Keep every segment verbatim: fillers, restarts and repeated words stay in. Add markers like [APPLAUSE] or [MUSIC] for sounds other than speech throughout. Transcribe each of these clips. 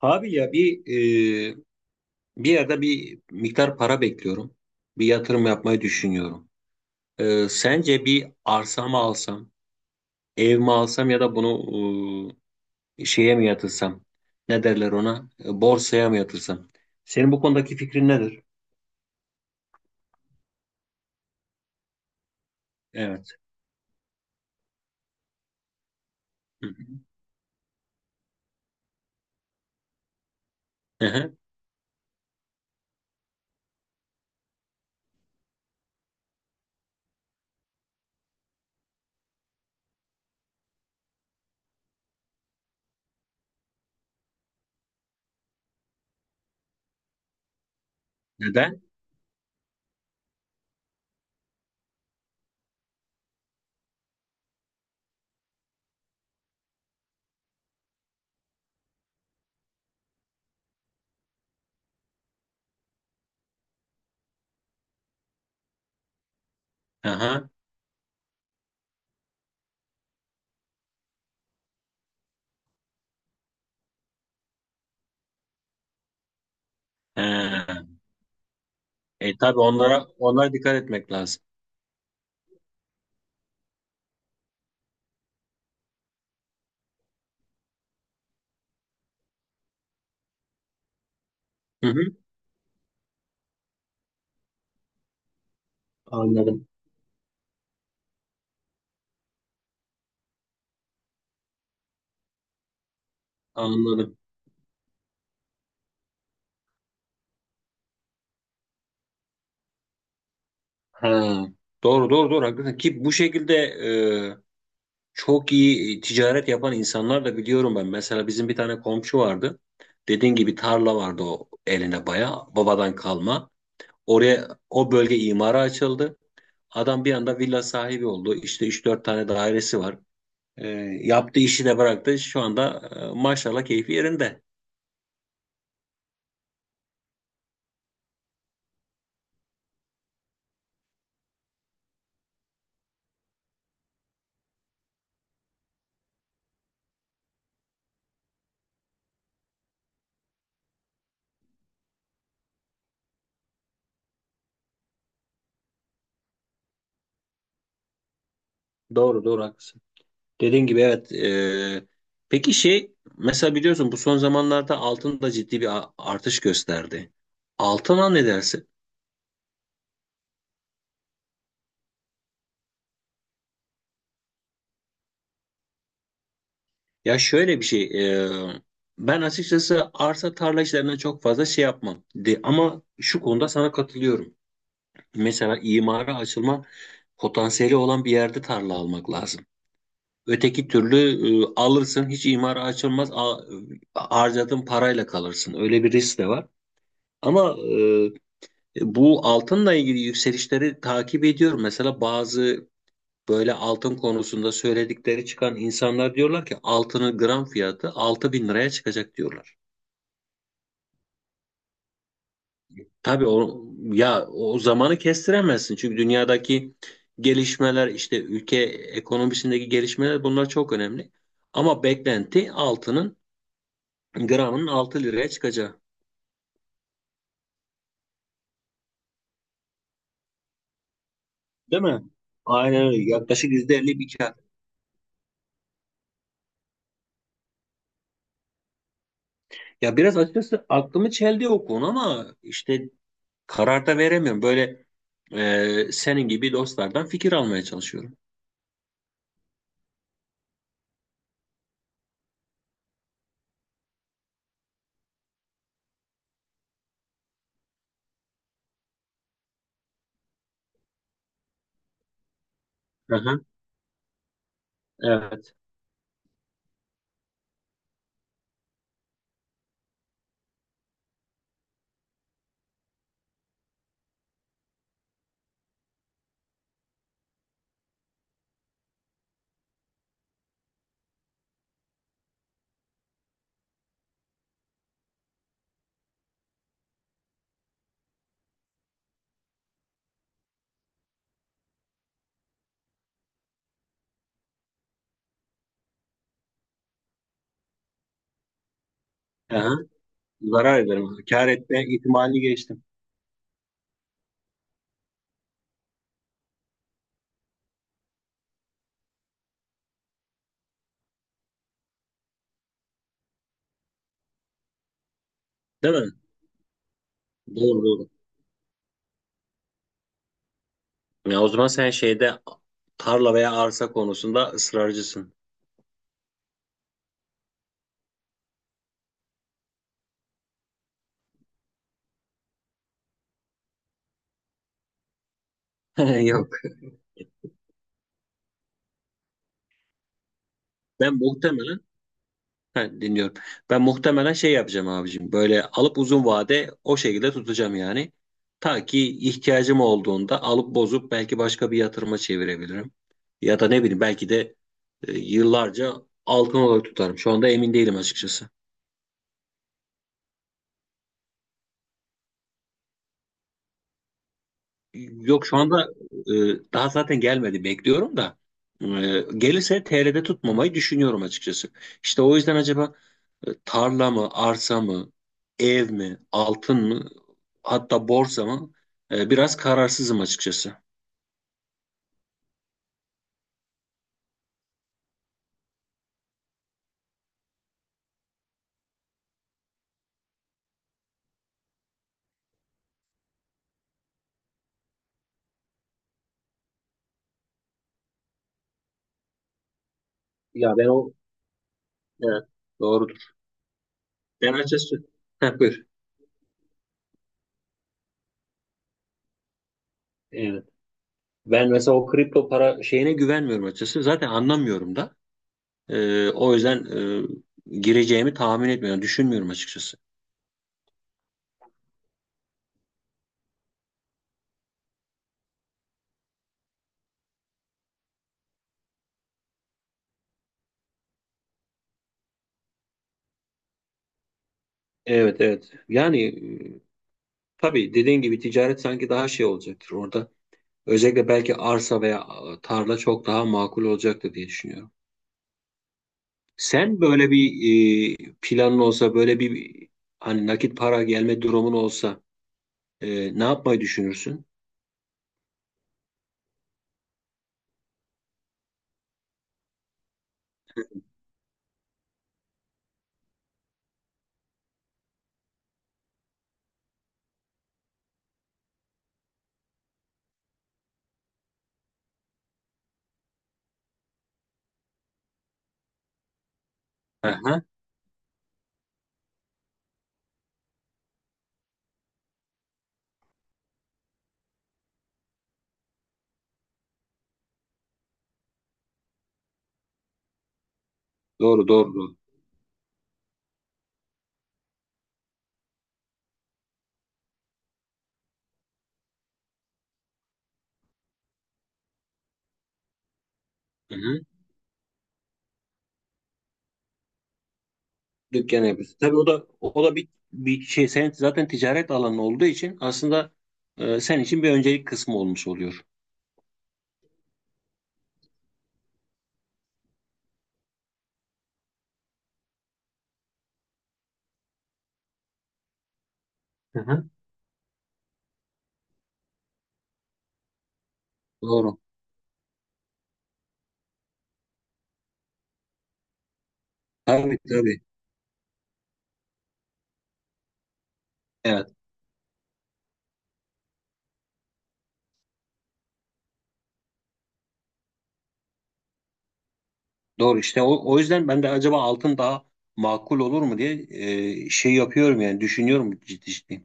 Abi ya bir e, bir yerde bir miktar para bekliyorum. Bir yatırım yapmayı düşünüyorum. E, sence bir arsa mı alsam, ev mi alsam ya da bunu e, şeye mi yatırsam? Ne derler ona? E, borsaya mı yatırsam? Senin bu konudaki fikrin nedir? Evet. Hı hı. Hı hı. Neden? Aha. He. E tabii onlara onlara dikkat etmek lazım. Hı hı. Anladım. Anladım. Ha. Doğru, doğru, doğru, haklısın ki bu şekilde, e, çok iyi e, ticaret yapan insanlar da biliyorum ben. Mesela bizim bir tane komşu vardı. Dediğin gibi tarla vardı, o eline baya babadan kalma. Oraya o bölge imara açıldı. Adam bir anda villa sahibi oldu. İşte üç dört tane dairesi var. E, Yaptığı işi de bıraktı. Şu anda e, maşallah keyfi yerinde. Doğru, doğru, haklısın. Dediğin gibi, evet. E, peki, şey, mesela biliyorsun, bu son zamanlarda altın da ciddi bir a- artış gösterdi. Altına ne dersin? Ya şöyle bir şey, e, ben açıkçası arsa tarla işlerine çok fazla şey yapmam. De, ama şu konuda sana katılıyorum. Mesela imara açılma potansiyeli olan bir yerde tarla almak lazım. Öteki türlü e, alırsın, hiç imara açılmaz, a, harcadığın parayla kalırsın. Öyle bir risk de var. Ama e, bu altınla ilgili yükselişleri takip ediyorum. Mesela bazı, böyle altın konusunda söyledikleri çıkan insanlar diyorlar ki altının gram fiyatı altı bin liraya çıkacak diyorlar. Tabii, o ya, o zamanı kestiremezsin, çünkü dünyadaki gelişmeler, işte ülke ekonomisindeki gelişmeler, bunlar çok önemli. Ama beklenti altının gramının altı liraya çıkacağı. Değil mi? Aynen öyle. Yaklaşık yüzde elli bir kar. Ya biraz açıkçası aklımı çeldi o konu, ama işte karar da veremiyorum. Böyle e, senin gibi dostlardan fikir almaya çalışıyorum. Aha, evet. Aha, zarar ederim. Kâr etme ihtimalini geçtim. Değil mi? Doğru, doğru. Ya o zaman sen şeyde, tarla veya arsa konusunda ısrarcısın. [LAUGHS] Yok. Ben muhtemelen, ha, dinliyorum. Ben muhtemelen şey yapacağım abicim. Böyle alıp uzun vade o şekilde tutacağım yani. Ta ki ihtiyacım olduğunda alıp bozup belki başka bir yatırıma çevirebilirim. Ya da ne bileyim, belki de e, yıllarca altın olarak tutarım. Şu anda emin değilim açıkçası. Yok, şu anda e, daha zaten gelmedi, bekliyorum da e, gelirse T L'de tutmamayı düşünüyorum açıkçası. İşte o yüzden acaba e, tarla mı, arsa mı, ev mi, altın mı, hatta borsa mı? E, biraz kararsızım açıkçası. Ya ben o, evet, doğrudur. Ben açıkçası. Heh, buyur. Evet. Ben mesela o kripto para şeyine güvenmiyorum açıkçası. Zaten anlamıyorum da. E, o yüzden e, gireceğimi tahmin etmiyorum, düşünmüyorum açıkçası. Evet, evet. Yani e, tabii dediğin gibi ticaret sanki daha şey olacaktır orada. Özellikle belki arsa veya e, tarla çok daha makul olacaktır diye düşünüyorum. Sen böyle bir e, planın olsa, böyle bir, hani nakit para gelme durumun olsa e, ne yapmayı düşünürsün? Aha, doğru, doğru, doğru. Hı-hı. Dükkan yapıyorsun. Tabii, o da o da bir bir şey, sen zaten ticaret alanı olduğu için aslında e, sen için bir öncelik kısmı olmuş oluyor. Hı-hı. Doğru. Tabii, tabii. Evet. Doğru, işte o, o yüzden ben de acaba altın daha makul olur mu diye e, şey yapıyorum yani, düşünüyorum ciddi ciddi.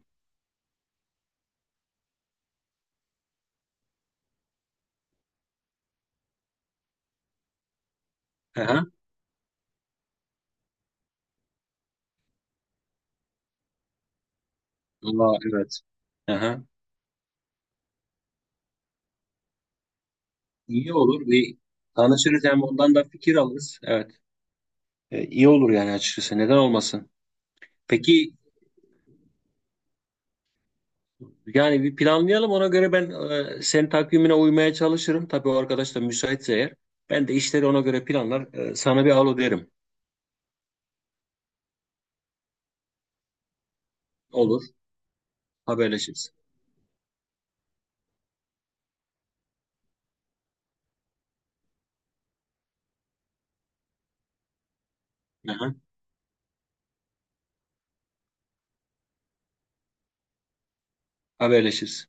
Aha. Aa, evet. Aha. İyi olur, bir tanışırız, hem ondan da fikir alırız. Evet. E, iyi olur yani, açıkçası neden olmasın. Peki, yani bir planlayalım, ona göre ben e, senin takvimine uymaya çalışırım. Tabii o arkadaş da müsaitse eğer. Ben de işleri ona göre planlar. E, sana bir alo derim. Olur. Haberleşiriz. Aha. Haberleşiriz.